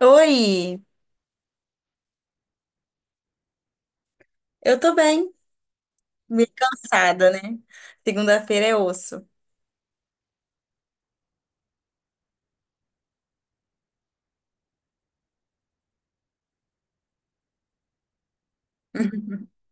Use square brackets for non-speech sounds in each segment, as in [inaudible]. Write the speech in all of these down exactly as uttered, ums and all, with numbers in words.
Oi, eu tô bem, meio cansada, né? Segunda-feira é osso. [laughs]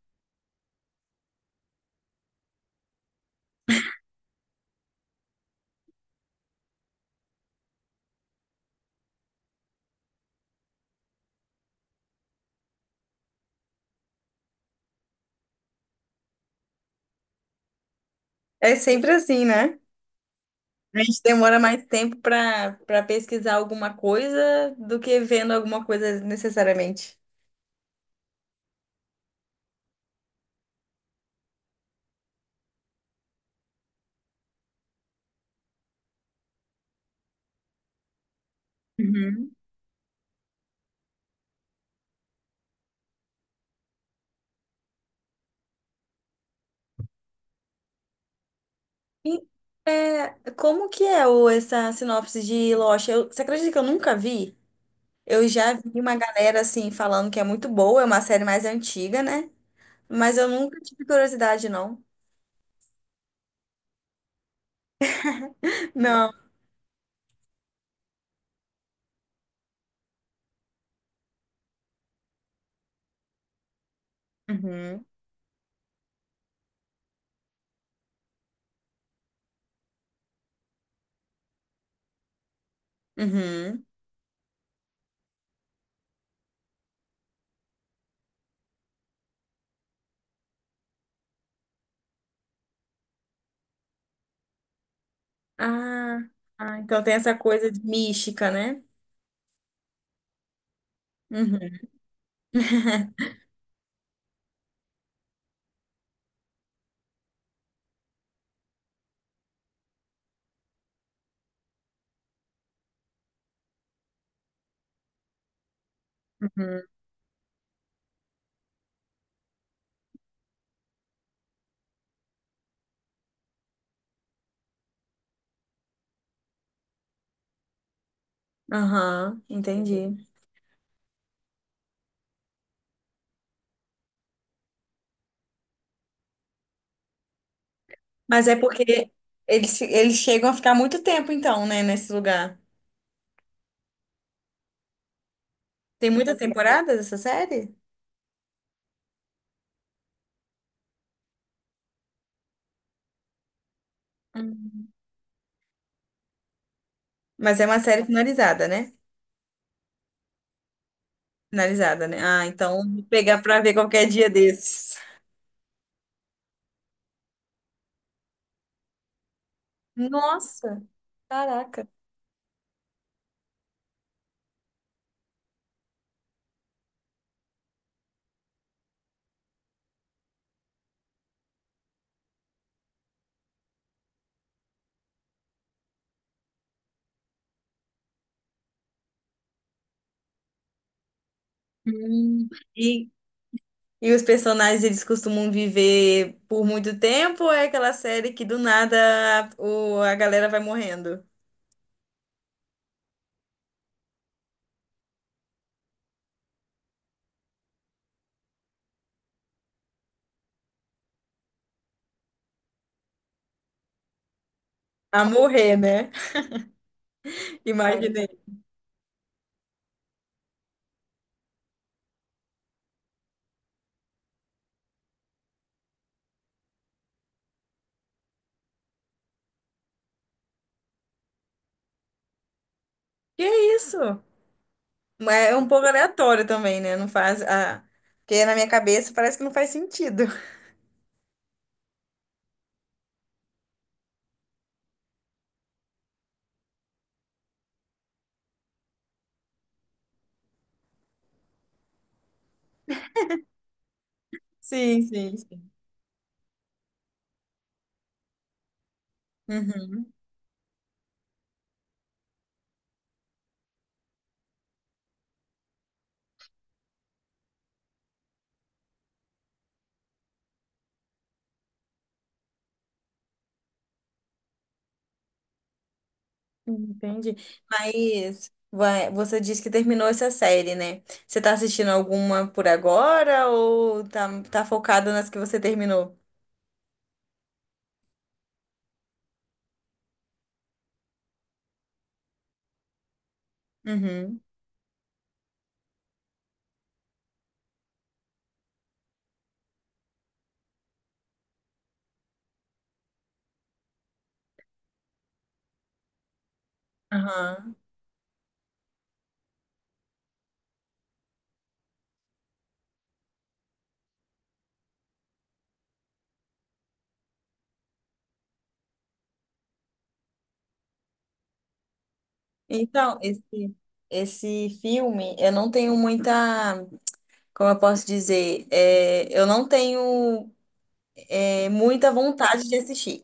É sempre assim, né? A gente demora mais tempo pra para pesquisar alguma coisa do que vendo alguma coisa necessariamente. Uhum. E, é, como que é o, essa sinopse de Lost? Eu, você acredita que eu nunca vi? Eu já vi uma galera assim falando que é muito boa, é uma série mais antiga, né? Mas eu nunca tive curiosidade, não. [laughs] Não. Uhum. Uhum. Ah, ah, então tem essa coisa de mística, né? Uhum. [laughs] Uhum. Aham, entendi. Mas é porque eles, eles chegam a ficar muito tempo, então, né, nesse lugar. Tem muitas temporadas essa série? Hum. Mas é uma série finalizada, né? Finalizada, né? Ah, então vou pegar pra ver qualquer dia desses. Nossa, caraca. Hum. E E os personagens, eles costumam viver por muito tempo ou é aquela série que do nada o, a galera vai morrendo? A morrer, né? [laughs] É. Imaginei. Que é isso? Mas é um pouco aleatório também, né? Não faz... Ah, porque na minha cabeça parece que não faz sentido. Sim, sim, sim. Uhum. Entendi. Mas vai, você disse que terminou essa série, né? Você tá assistindo alguma por agora ou tá, tá focada nas que você terminou? Uhum. Aham. Então, esse, esse filme, eu não tenho muita, como eu posso dizer, é, eu não tenho é, muita vontade de assistir.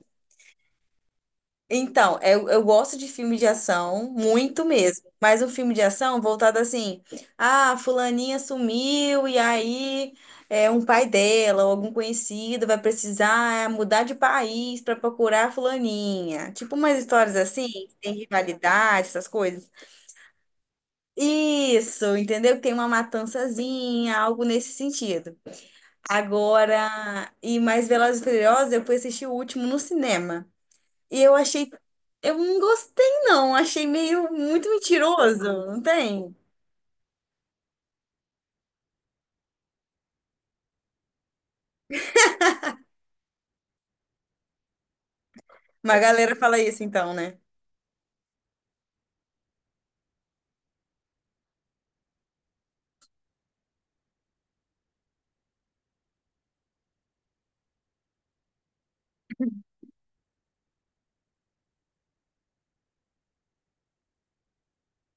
Então, eu, eu gosto de filme de ação, muito mesmo. Mas um filme de ação voltado assim, ah, fulaninha sumiu e aí é um pai dela ou algum conhecido vai precisar mudar de país para procurar a fulaninha. Tipo umas histórias assim, que tem rivalidade, essas coisas. Isso, entendeu? Tem uma matançazinha, algo nesse sentido. Agora, e mais Velozes e Furiosos, eu fui assistir o último no cinema. E eu achei, eu não gostei não, achei meio muito mentiroso, não tem? Mas a galera fala isso então, né?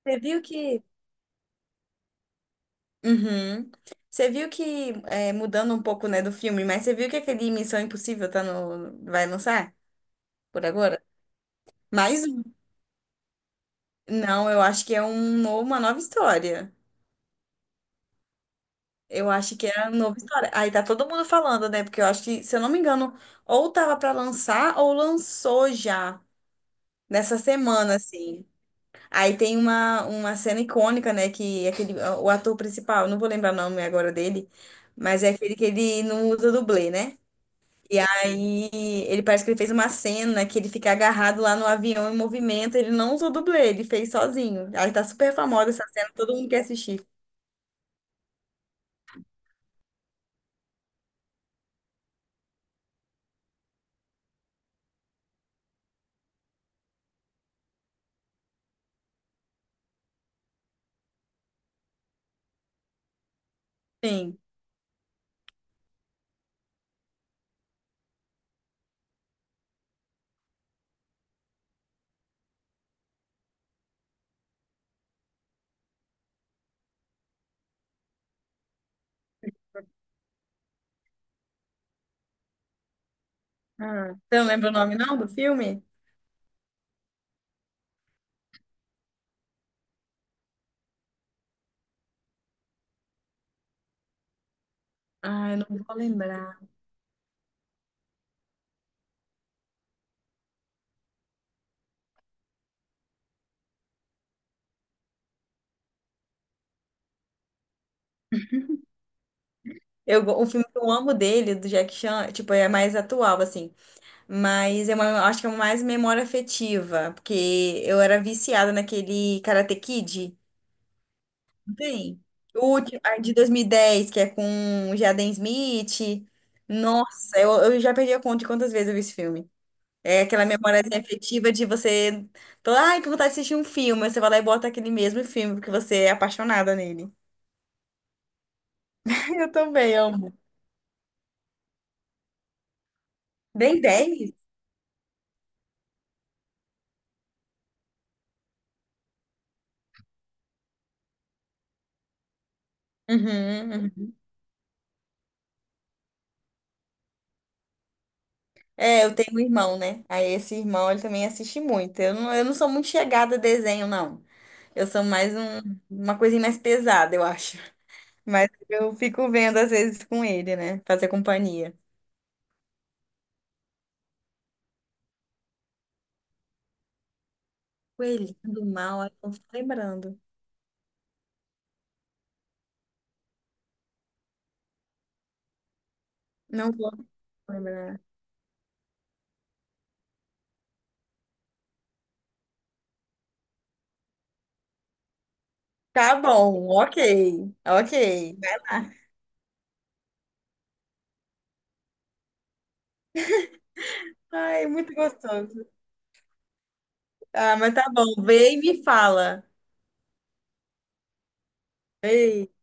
Você viu que... Uhum. Você viu que, é, mudando um pouco, né, do filme, mas você viu que aquele Missão Impossível tá no... vai lançar por agora? Mais um. Não, eu acho que é um novo- uma nova história. Eu acho que é a nova história. Aí tá todo mundo falando, né? Porque eu acho que, se eu não me engano, ou tava pra lançar ou lançou já nessa semana, assim. Aí tem uma, uma cena icônica, né? Que é aquele, o ator principal, não vou lembrar o nome agora dele, mas é aquele que ele não usa dublê, né? E aí ele parece que ele fez uma cena que ele fica agarrado lá no avião em movimento, ele não usou dublê, ele fez sozinho. Aí tá super famosa essa cena, todo mundo quer assistir. Sim. Ah, você não lembra o nome não do filme? Ah, eu não vou lembrar. Eu, go- um filme que eu amo dele, do Jack Chan, tipo, é mais atual, assim. Mas é uma, acho que é mais memória afetiva, porque eu era viciada naquele Karate Kid. Não tem? O último, ah, de dois mil e dez, que é com o Jaden Smith. Nossa, eu, eu já perdi a conta de quantas vezes eu vi esse filme. É aquela memória afetiva de você... tô, ai, que vontade de assistir um filme. Aí você vai lá e bota aquele mesmo filme, porque você é apaixonada nele. [laughs] Eu também amo. Bem dez? Uhum, uhum. É, eu tenho um irmão, né? Aí esse irmão, ele também assiste muito. Eu não, eu não sou muito chegada a desenho, não. Eu sou mais um- uma coisinha mais pesada, eu acho. [laughs] Mas eu fico vendo às vezes com ele, né? Fazer companhia. Coelhinho do mal, eu não tô lembrando. Não vou lembrar. Tá bom, ok. Ok. Vai lá. Ai, muito gostoso. Ah, mas tá bom. Vê e me fala. Beijo.